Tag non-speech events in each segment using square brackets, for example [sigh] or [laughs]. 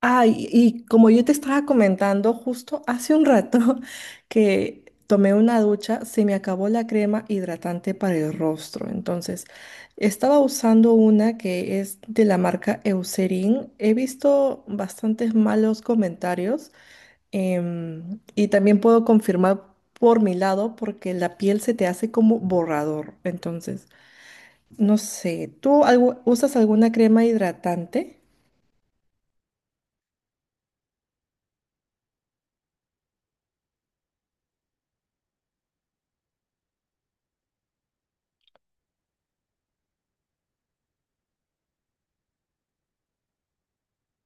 Ah, y como yo te estaba comentando justo hace un rato [laughs] que tomé una ducha, se me acabó la crema hidratante para el rostro. Entonces, estaba usando una que es de la marca Eucerin. He visto bastantes malos comentarios y también puedo confirmar por mi lado porque la piel se te hace como borrador. Entonces, no sé, usas alguna crema hidratante?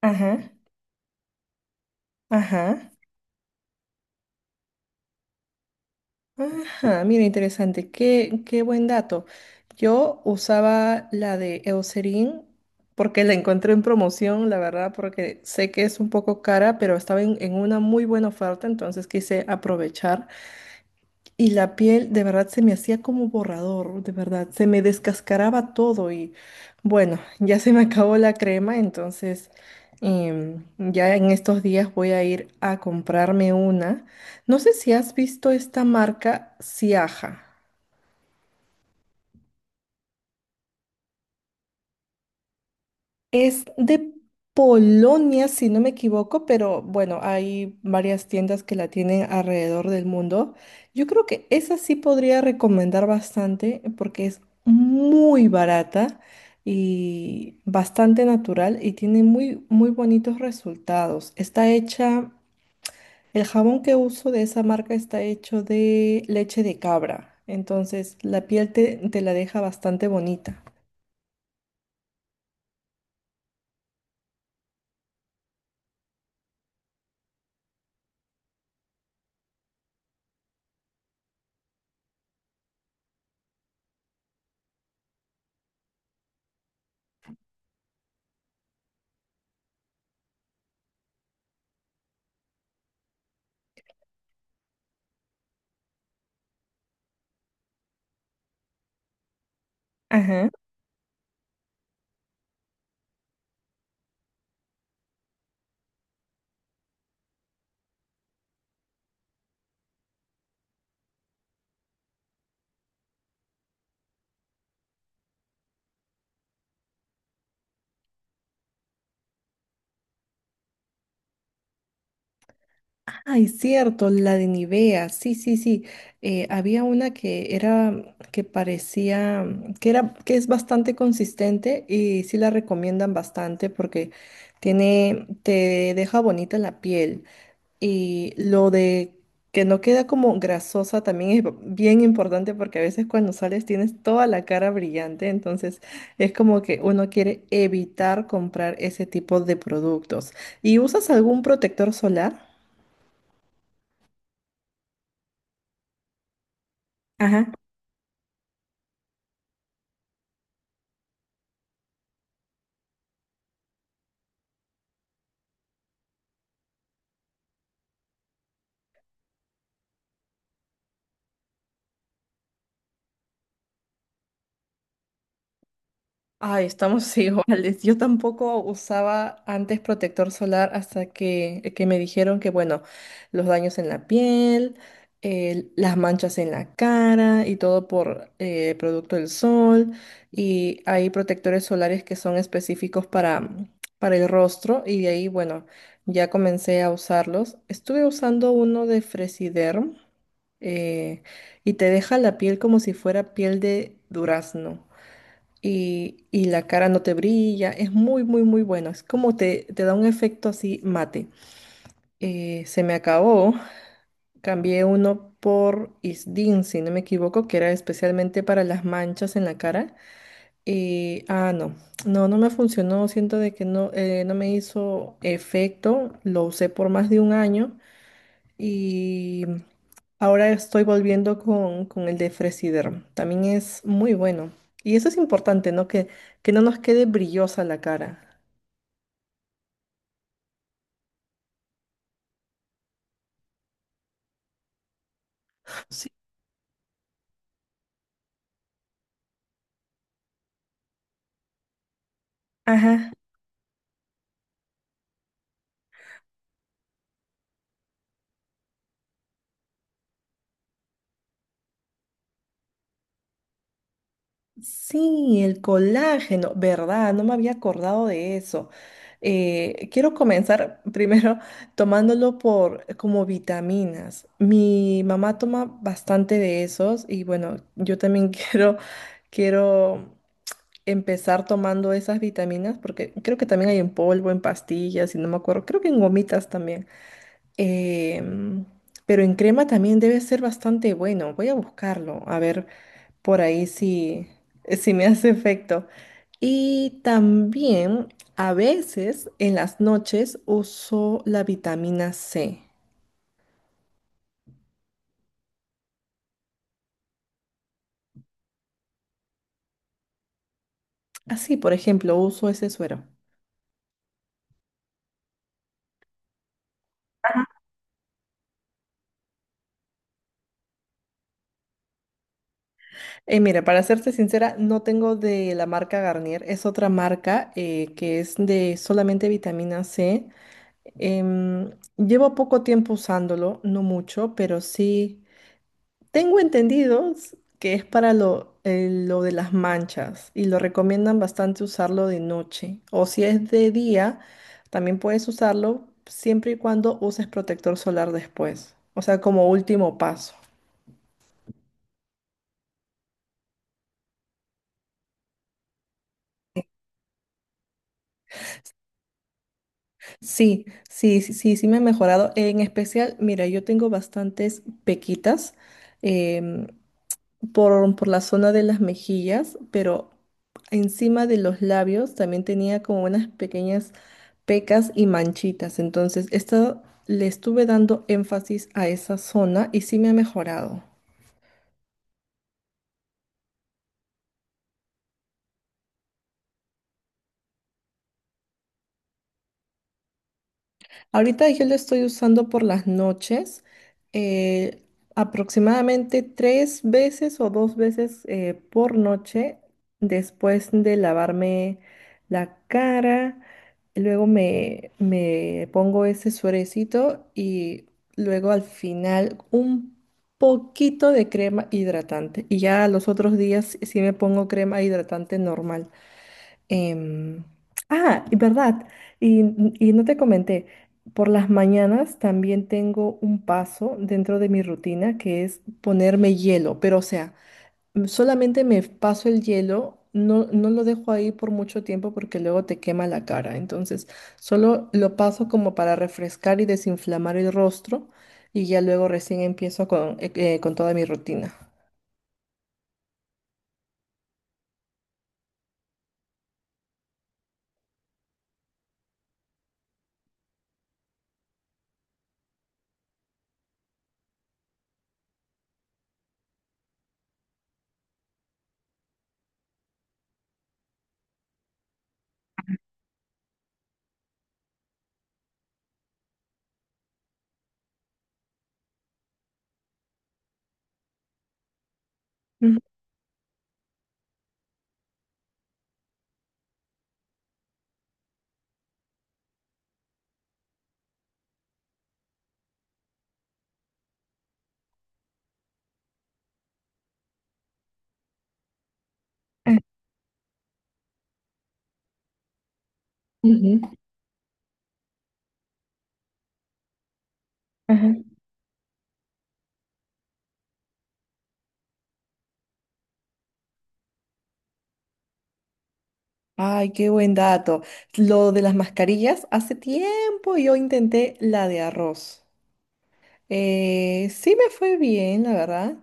Ajá, ajá. Ajá, mira, interesante. Qué buen dato. Yo usaba la de Eucerin porque la encontré en promoción, la verdad, porque sé que es un poco cara, pero estaba en una muy buena oferta, entonces quise aprovechar. Y la piel de verdad se me hacía como borrador, de verdad, se me descascaraba todo y bueno, ya se me acabó la crema, entonces ya en estos días voy a ir a comprarme una. No sé si has visto esta marca Siaja. Es de Polonia, si no me equivoco, pero bueno, hay varias tiendas que la tienen alrededor del mundo. Yo creo que esa sí podría recomendar bastante porque es muy barata y bastante natural y tiene muy, muy bonitos resultados. Está hecha, el jabón que uso de esa marca está hecho de leche de cabra, entonces la piel te la deja bastante bonita. Ajá. Ay, cierto, la de Nivea, sí, sí, sí. Había una que era, que parecía, mm, que era, que es bastante consistente y sí la recomiendan bastante porque tiene, te deja bonita la piel. Y lo de que no queda como grasosa también es bien importante porque a veces cuando sales tienes toda la cara brillante, entonces es como que uno quiere evitar comprar ese tipo de productos. ¿Y usas algún protector solar? Ajá. Ay, estamos [laughs] iguales. Yo tampoco usaba antes protector solar hasta que me dijeron que, bueno, los daños en la piel, las manchas en la cara y todo por producto del sol. Y hay protectores solares que son específicos para el rostro y de ahí, bueno, ya comencé a usarlos. Estuve usando uno de Fresiderm eh, y te deja la piel como si fuera piel de durazno y la cara no te brilla. Es muy, muy, muy bueno. Es como te da un efecto así mate. Se me acabó. Cambié uno por Isdin, si no me equivoco, que era especialmente para las manchas en la cara. Y, ah, no, no me funcionó. Siento de que no, no me hizo efecto. Lo usé por más de un año. Y ahora estoy volviendo con el de Fresiderm. También es muy bueno. Y eso es importante, ¿no? Que no nos quede brillosa la cara. Sí. Ajá. Sí, el colágeno, ¿verdad? No me había acordado de eso. Quiero comenzar [laughs] primero tomándolo por como vitaminas. Mi mamá toma bastante de esos y bueno, yo también [laughs] quiero, quiero empezar tomando esas vitaminas, porque creo que también hay en polvo, en pastillas, y no me acuerdo, creo que en gomitas también. Em, pero en crema también debe ser bastante bueno. Voy a buscarlo, a ver por ahí si, si me [laughs] hace efecto. Y también a veces en las noches uso la vitamina C. Así, por ejemplo, uso ese suero. Mira, para serte sincera, no tengo de la marca Garnier, es otra marca que es de solamente vitamina C. Em, llevo poco tiempo usándolo, no mucho, pero sí tengo entendidos que es para lo de las manchas y lo recomiendan bastante usarlo de noche. O si es de día, también puedes usarlo siempre y cuando uses protector solar después, o sea, como último paso. Sí, sí, sí, sí, sí me ha mejorado. En especial, mira, yo tengo bastantes pequitas em, por la zona de las mejillas, pero encima de los labios también tenía como unas pequeñas pecas y manchitas. Entonces, esto le estuve dando énfasis a esa zona y sí me ha mejorado. Ahorita yo lo estoy usando por las noches, eh, aproximadamente tres veces o dos veces por noche después de lavarme la cara. Luego me pongo ese suerecito y luego al final un poquito de crema hidratante. Y ya los otros días sí me pongo crema hidratante normal. Em, ah, y verdad, y, y no te comenté, por las mañanas también tengo un paso dentro de mi rutina que es ponerme hielo, pero o sea, solamente me paso el hielo, no, no lo dejo ahí por mucho tiempo porque luego te quema la cara, entonces solo lo paso como para refrescar y desinflamar el rostro y ya luego recién empiezo con toda mi rutina. Ujú, eh, Ujú, ajá. Ay, qué buen dato. Lo de las mascarillas, hace tiempo yo intenté la de arroz. Sí me fue bien, la verdad,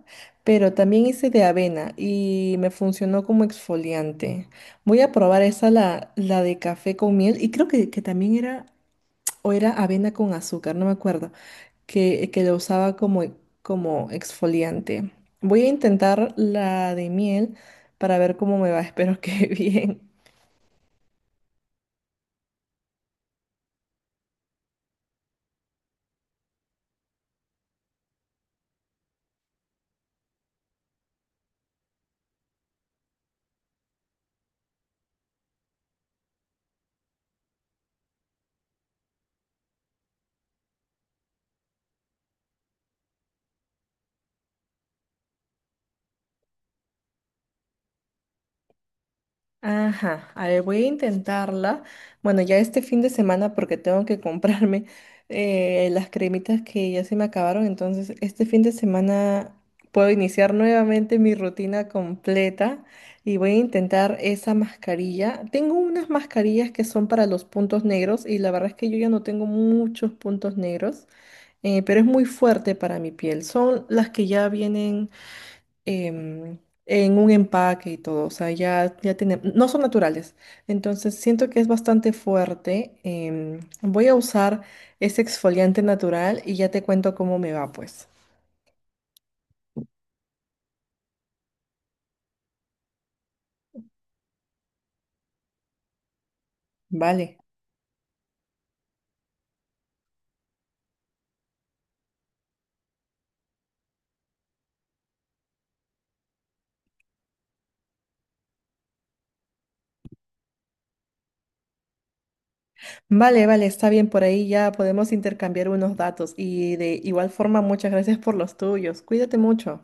pero también hice de avena y me funcionó como exfoliante. Voy a probar esa, la de café con miel, y creo que también era, o era avena con azúcar, no me acuerdo, que lo usaba como, como exfoliante. Voy a intentar la de miel para ver cómo me va, [laughs] espero que bien. Ajá, a ver, voy a intentarla. Bueno, ya este fin de semana porque tengo que comprarme [laughs] las cremitas que ya se me acabaron, entonces este fin de semana puedo iniciar nuevamente mi rutina completa y voy a intentar esa mascarilla. Tengo unas mascarillas que son para los puntos negros y la verdad es que yo ya no tengo muchos puntos negros, pero es muy fuerte para mi piel. Son las que ya vienen em, en un empaque y todo, o sea, ya, ya tiene, no son naturales. Entonces, siento que es bastante fuerte. Voy a usar ese exfoliante natural y ya te cuento cómo me va, pues. Vale. Vale, vale, está bien, por ahí ya podemos intercambiar unos datos y de igual forma, muchas gracias por los tuyos. Cuídate mucho.